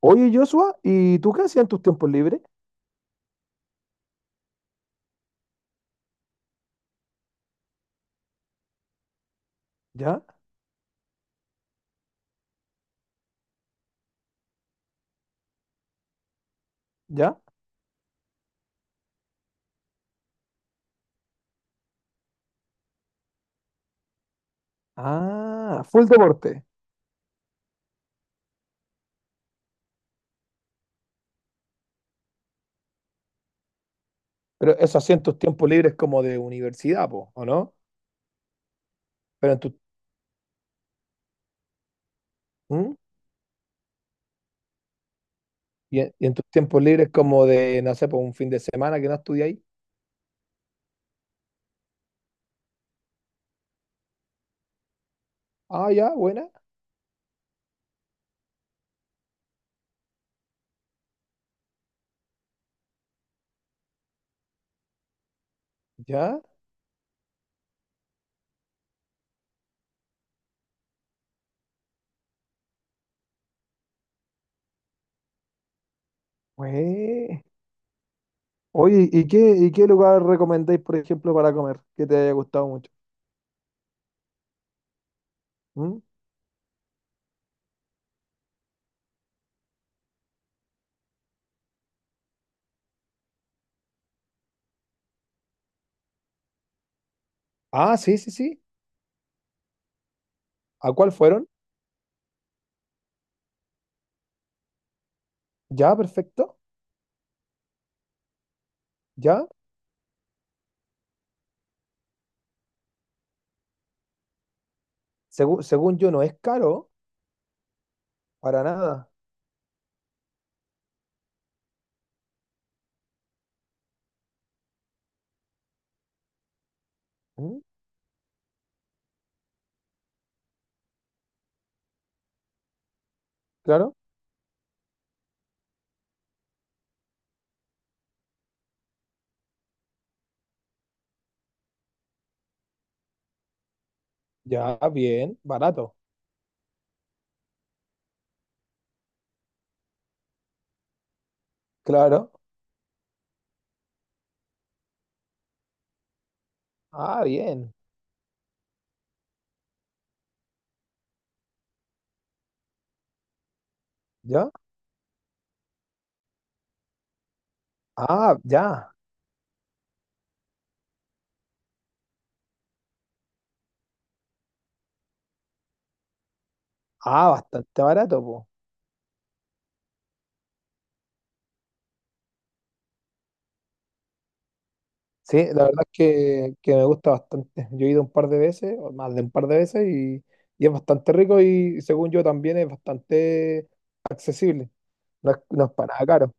Oye, Joshua, ¿y tú qué hacías en tus tiempos libres? ¿Ya? ¿Ya? Ah, full deporte. Pero eso hacía en tus tiempos libres como de universidad, po, ¿o no? Pero en tu, ¿mm? ¿Y en tus tiempos libres como de, no sé, por un fin de semana que no estudiáis? Ah, ya, buena, ya. Güey. Oye, ¿y qué, lugar recomendáis, por ejemplo, para comer que te haya gustado mucho? ¿Mm? Ah, sí, sí, sí. ¿A cuál fueron? Ya, perfecto, ya. Según yo, no es caro, para nada. ¿Mm? Claro. Ya, bien, barato. Claro. Ah, bien. Ya. Ah, ya. Ah, bastante barato, po. Sí, la verdad es que, me gusta bastante. Yo he ido un par de veces, o más de un par de veces, y es bastante rico y según yo también es bastante accesible. No es para nada caro.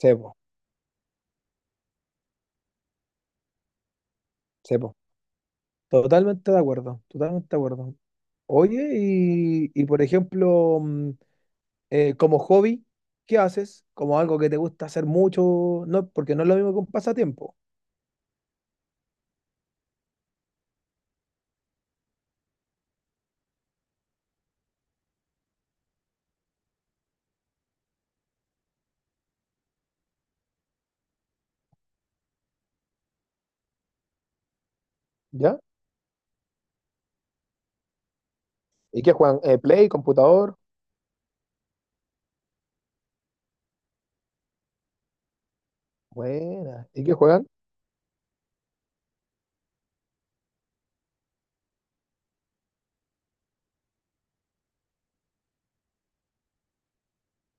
Sepo, sepo. Totalmente de acuerdo, totalmente de acuerdo. Oye, y por ejemplo, como hobby, ¿qué haces? Como algo que te gusta hacer mucho, no, porque no es lo mismo que un pasatiempo. ¿Ya? ¿Y qué juegan? Play, computador. Buena. ¿Y qué juegan?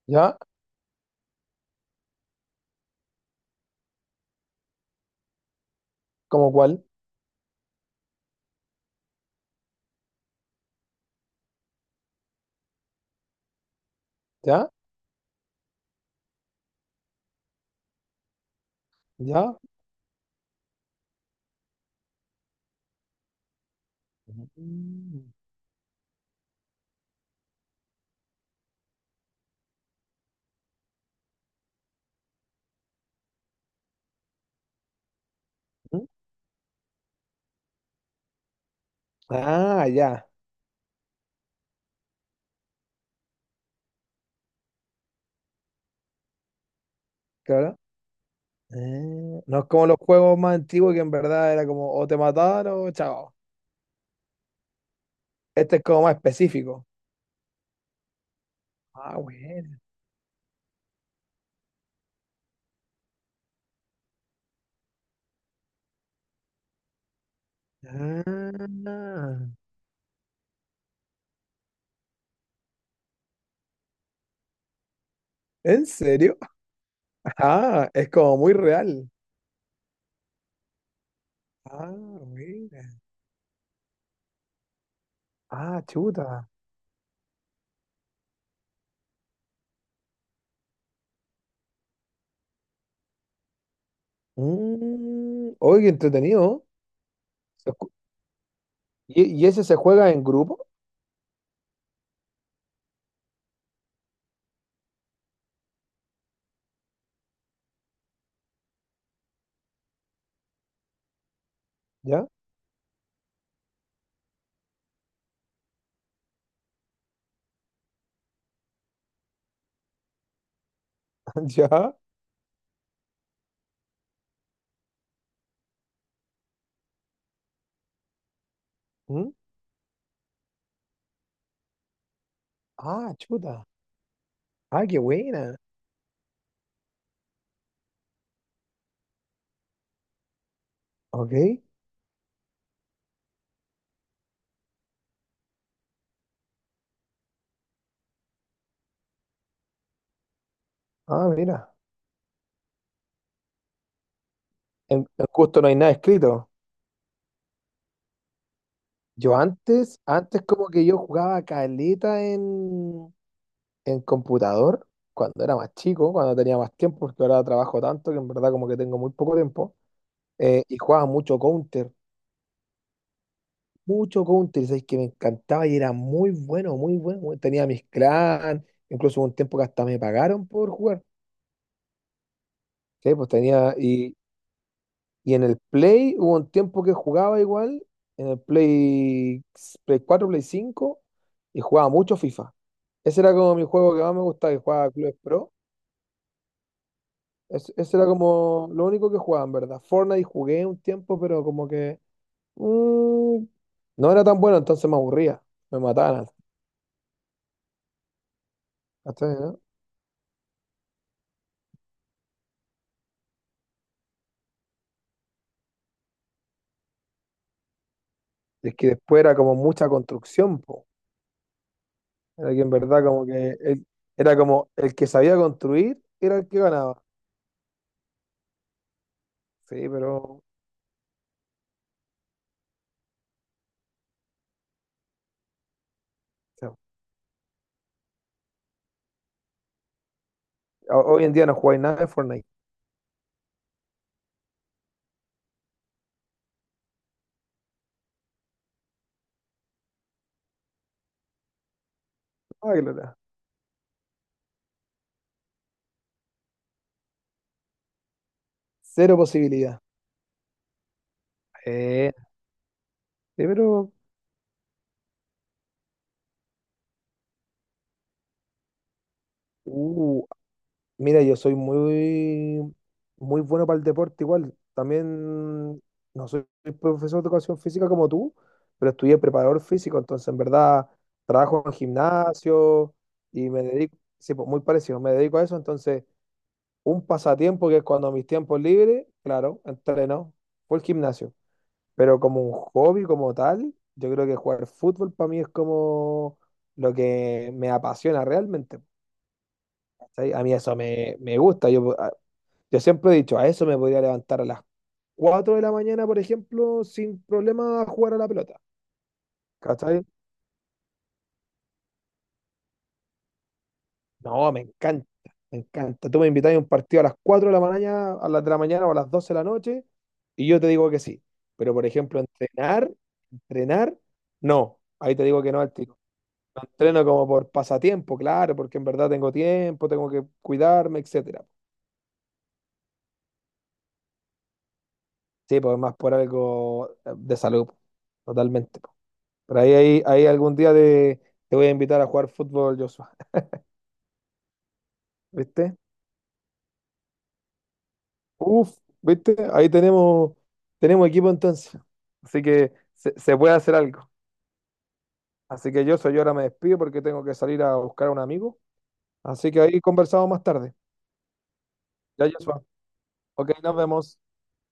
¿Ya? ¿Cómo cuál? ¿Ya? ¿Ya? Mm, mm. Ah, ya, claro. Ah, no es como los juegos más antiguos que en verdad era como o te mataron o chao. Este es como más específico. Ah, bueno. Ah, ¿en serio? Ah, es como muy real. Ah, buena. Ah, chuta. Oye, qué entretenido. Se escu- y ese se juega en grupo? ¿Ya? ¿Ya? Mm. Ah, chuta. Ah, qué buena. Ok. Ah, mira. En justo no hay nada escrito. Yo antes como que yo jugaba caleta en computador, cuando era más chico, cuando tenía más tiempo, porque ahora trabajo tanto que en verdad como que tengo muy poco tiempo. Y jugaba mucho Counter. Mucho country, ¿sabes? Que me encantaba y era muy bueno, muy bueno. Bueno, tenía mis clan, incluso hubo un tiempo que hasta me pagaron por jugar. Sí, pues tenía. Y en el Play hubo un tiempo que jugaba igual, en el Play, Play 4 Play 5, y jugaba mucho FIFA. Ese era como mi juego que más me gustaba, que jugaba Clubes Pro. Ese era como lo único que jugaba, en verdad. Fortnite jugué un tiempo, pero como que mm, no era tan bueno, entonces me aburría. Me mataban. Es que después era como mucha construcción, po. Era que en verdad como que era como el que sabía construir era el que ganaba. Sí, pero o sea, hoy en día no jugáis nada de Fortnite. Nada que lograr. Cero posibilidad. Eh, sí, pero uh, mira, yo soy muy, muy bueno para el deporte igual. También no soy profesor de educación física como tú, pero estudié preparador físico, entonces en verdad trabajo en gimnasio y me dedico, sí, pues muy parecido, me dedico a eso, entonces un pasatiempo que es cuando mis tiempos libres, claro, entreno, fue el gimnasio, pero como un hobby como tal, yo creo que jugar fútbol para mí es como lo que me apasiona realmente. ¿Cachai? A mí eso me gusta. Yo siempre he dicho, a eso me podría levantar a las 4 de la mañana, por ejemplo, sin problema a jugar a la pelota. ¿Cachai? No, me encanta, me encanta. Tú me invitas a un partido a las 4 de la mañana, a las de la mañana o a las 12 de la noche, y yo te digo que sí. Pero, por ejemplo, entrenar, entrenar, no. Ahí te digo que no al tiro. Lo entreno como por pasatiempo, claro, porque en verdad tengo tiempo, tengo que cuidarme, etcétera. Sí, pues más por algo de salud, totalmente. Por ahí algún día te voy a invitar a jugar fútbol, Joshua. ¿Viste? Uf, ¿viste? Ahí tenemos, equipo entonces. Así que se puede hacer algo. Así que Joshua, yo ahora me despido porque tengo que salir a buscar a un amigo. Así que ahí conversamos más tarde. Ya, Joshua. Ok, nos vemos.